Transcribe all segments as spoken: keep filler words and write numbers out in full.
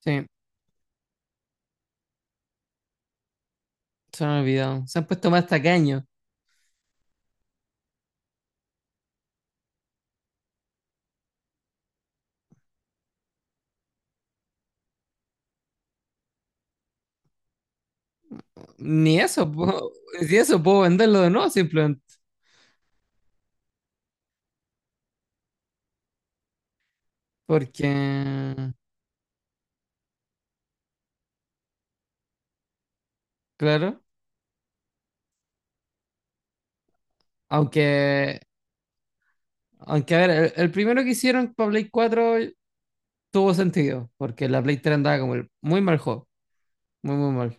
Sí, se me olvidado. Se han puesto más tacaños. Ni eso puedo, si eso puedo venderlo de nuevo simplemente. Porque, claro, aunque, aunque a ver, el, el primero que hicieron para Play cuatro tuvo sentido, porque la Play tres andaba como el- muy mal juego, muy, muy mal.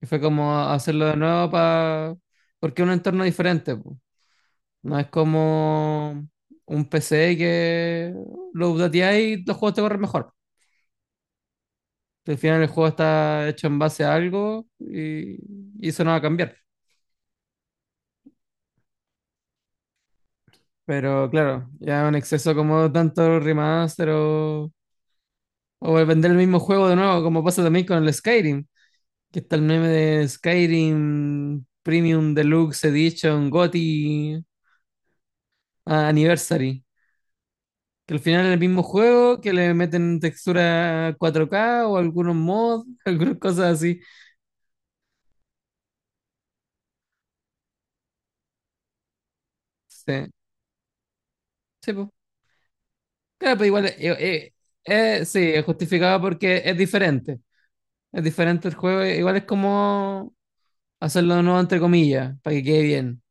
Y fue como hacerlo de nuevo para, porque es un entorno diferente, po. No es como un p c que lo updateas y los juegos te corren mejor. Al final el juego está hecho en base a algo y, y eso no va a cambiar. Pero claro, ya un exceso como tanto remaster o, o el vender el mismo juego de nuevo, como pasa también con el Skyrim, que está el meme de Skyrim Premium Deluxe Edition GOTY ah, Anniversary, que al final es el mismo juego, que le meten textura cuatro ka o algunos mods, algunas cosas así. Sí, sí, pues. Claro, pero igual, eh, eh, eh, sí, es justificado porque es diferente. Es diferente el juego, igual es como hacerlo de nuevo entre comillas, para que quede bien.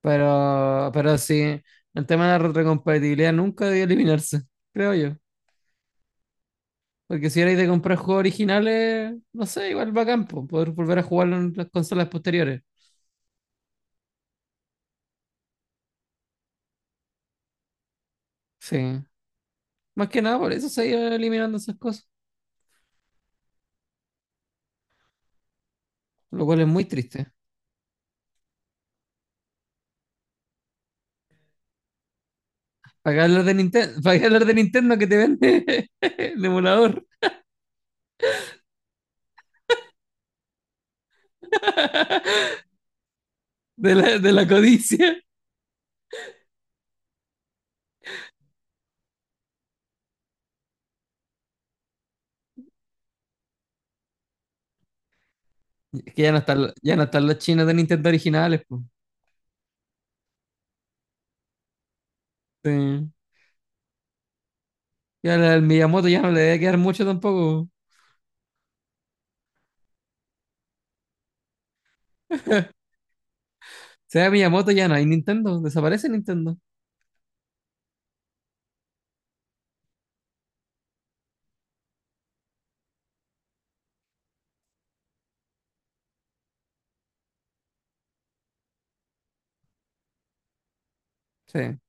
Pero, pero sí, el tema de la retrocompatibilidad nunca debió eliminarse, creo yo. Porque si erais de comprar juegos originales, no sé, igual bacán, campo poder volver a jugarlo en las consolas posteriores. Sí. Más que nada por eso se iban eliminando esas cosas, lo cual es muy triste. Para qué hablar de Nintendo, para qué hablar de Nintendo que te vende el emulador de la, de la codicia. Es que ya no están, los- ya no están los chinos de Nintendo originales, po. Sí. Y al, al Miyamoto ya no le debe quedar mucho tampoco. O sea, Miyamoto ya no hay Nintendo, desaparece Nintendo. Sí.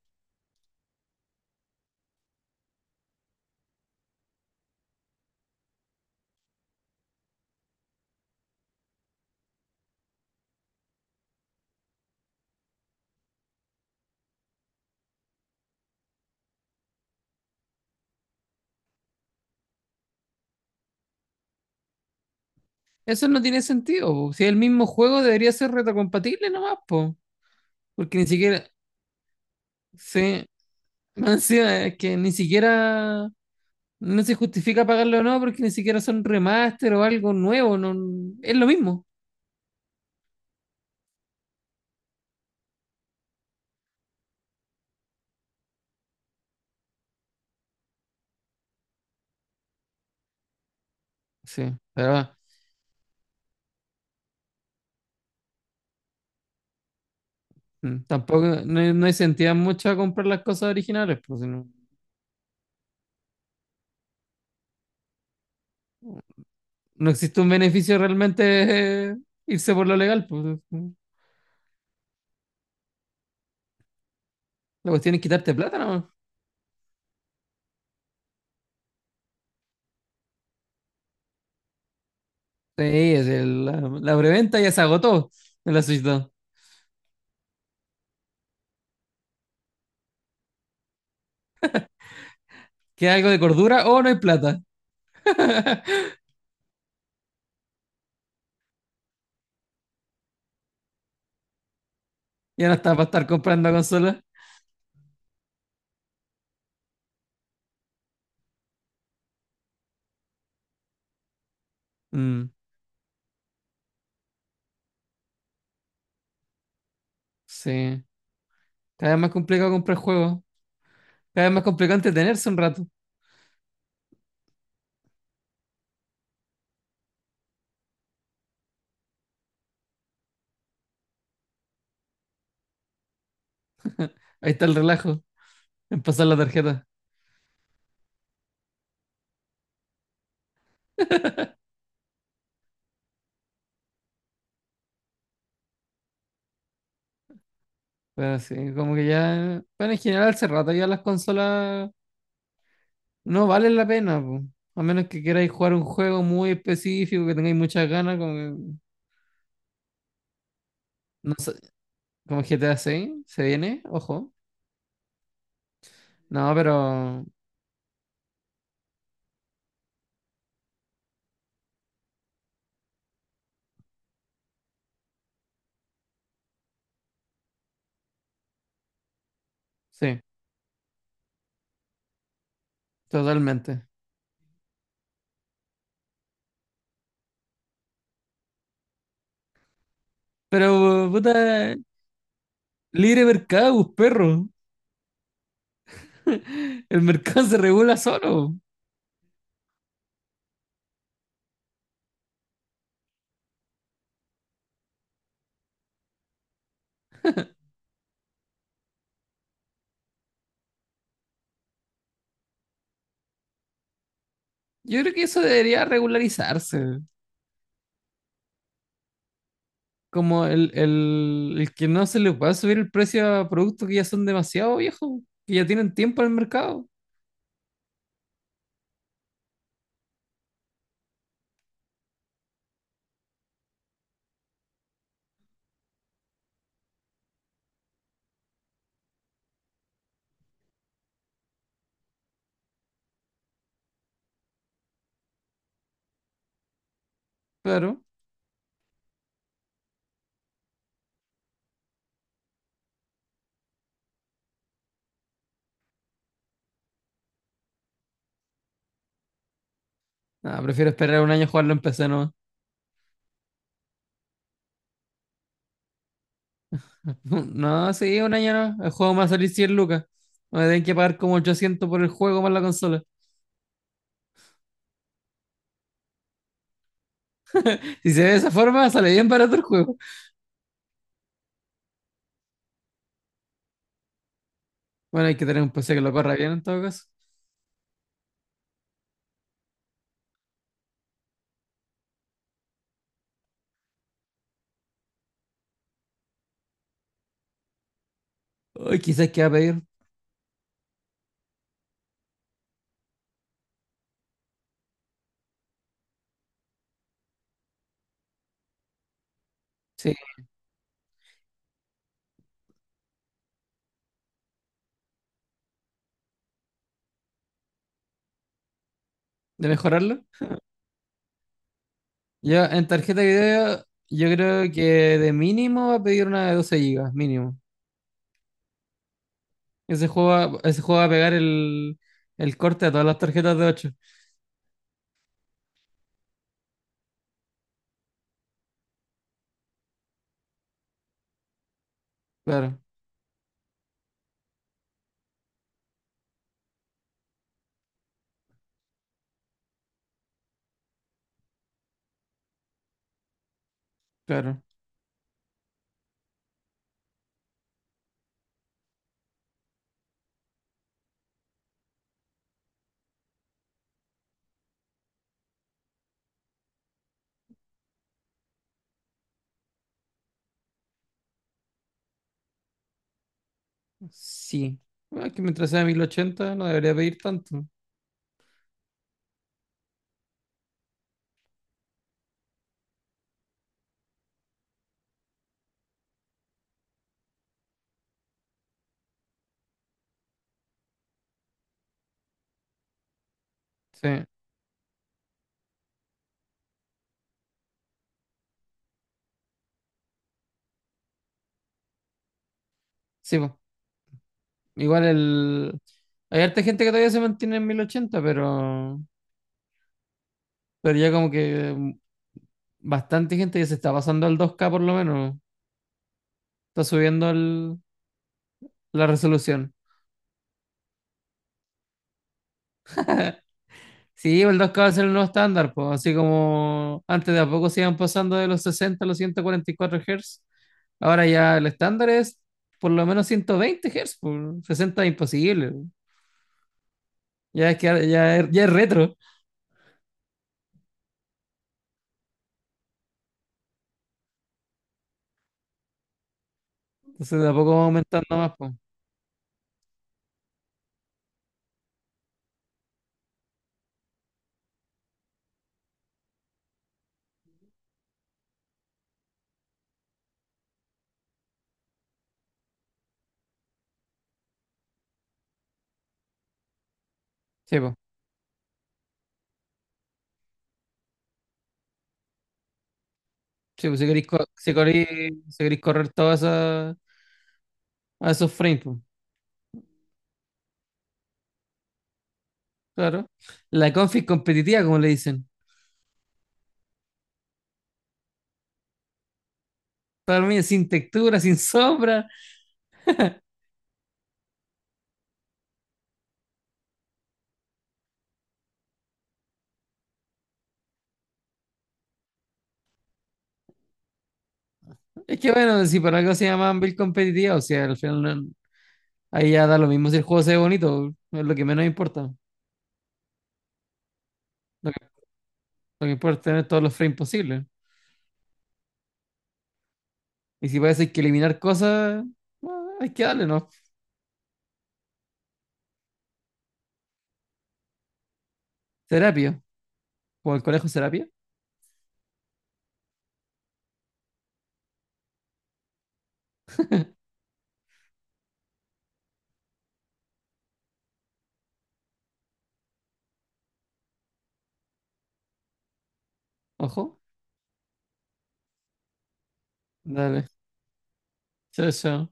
Eso no tiene sentido, po. Si el mismo juego debería ser retrocompatible nomás, po. Porque ni siquiera, sí, más encima es que ni siquiera, no se justifica pagarlo o no, porque ni siquiera son remaster o algo nuevo, no, es lo mismo. Sí, pero ah, mm, tampoco, no, no incentiva mucho a comprar las cosas originales, pues si no, no existe un beneficio realmente eh, irse por lo legal, pues. La cuestión es quitarte plata, ¿no? Sí, es el- la, la preventa ya se agotó en la Switch dos. ¿Queda algo de cordura o no hay plata? Ya no está para estar comprando consolas. Mm, sí. Cada vez más complicado comprar juegos. Cada vez más complicado entretenerse un rato. Ahí está el relajo en pasar la tarjeta. Pero sí, como que ya. Bueno, en general hace rato ya las consolas no valen la pena, po. A menos que queráis jugar un juego muy específico, que tengáis muchas ganas, como, que- no sé, como G T A seis, se viene, ojo. No, pero sí, totalmente. Pero, puta, libre mercado, pues, perro. El mercado se regula solo. Yo creo que eso debería regularizarse. Como el, el, el que no se le pueda subir el precio a productos que ya son demasiado viejos, que ya tienen tiempo en el mercado. Pero, nada, prefiero esperar un año a jugarlo en P C, ¿no? No, sí, un año no. El juego me va a salir cien lucas. Me tienen que pagar como ochocientos por el juego más la consola. Si se ve de esa forma, sale bien barato el juego. Bueno, hay que tener un P C que lo corra bien en todo caso. Uy, quizás que va a pedir, sí, de mejorarlo. Yo en tarjeta de video, yo creo que de mínimo va a pedir una de doce gigas mínimo. Ese juego va, ese juego va a pegar el, el corte a todas las tarjetas de ocho. Claro, claro. Sí. Bueno, es que mientras sea mil ochenta no debería pedir tanto. Sí, sí, po. Igual el... Hay harta gente que todavía se mantiene en mil ochenta, pero... Pero ya como que mm, bastante gente ya se está pasando al dos k por lo menos. Está subiendo el- la resolución. Sí, el dos ka va a ser el nuevo estándar, pues. Así como antes de a poco se iban pasando de los sesenta a los ciento cuarenta y cuatro Hz. Ahora ya el estándar es por lo menos ciento veinte Hz, pues. sesenta es imposible. Po. Ya es que ahora- ya es, ya es retro. Entonces de a poco va aumentando más, pues. Sí, pues. Sí, pues. Si queréis, co- si queréis, si queréis correr todos esos, a esos frames, pues. Claro. La config competitiva, como le dicen. Para mí, sin textura, sin sombra. Es que bueno, si para algo se llaman build competitiva, o sea, al final no- ahí ya da lo mismo si el juego se ve bonito, es lo que menos importa. Lo que, lo que importa es tener todos los frames posibles. Y si parece que eliminar cosas, ah, hay que darle, ¿no? Terapia. O el conejo terapia. Ojo. Dale. Chao, chao.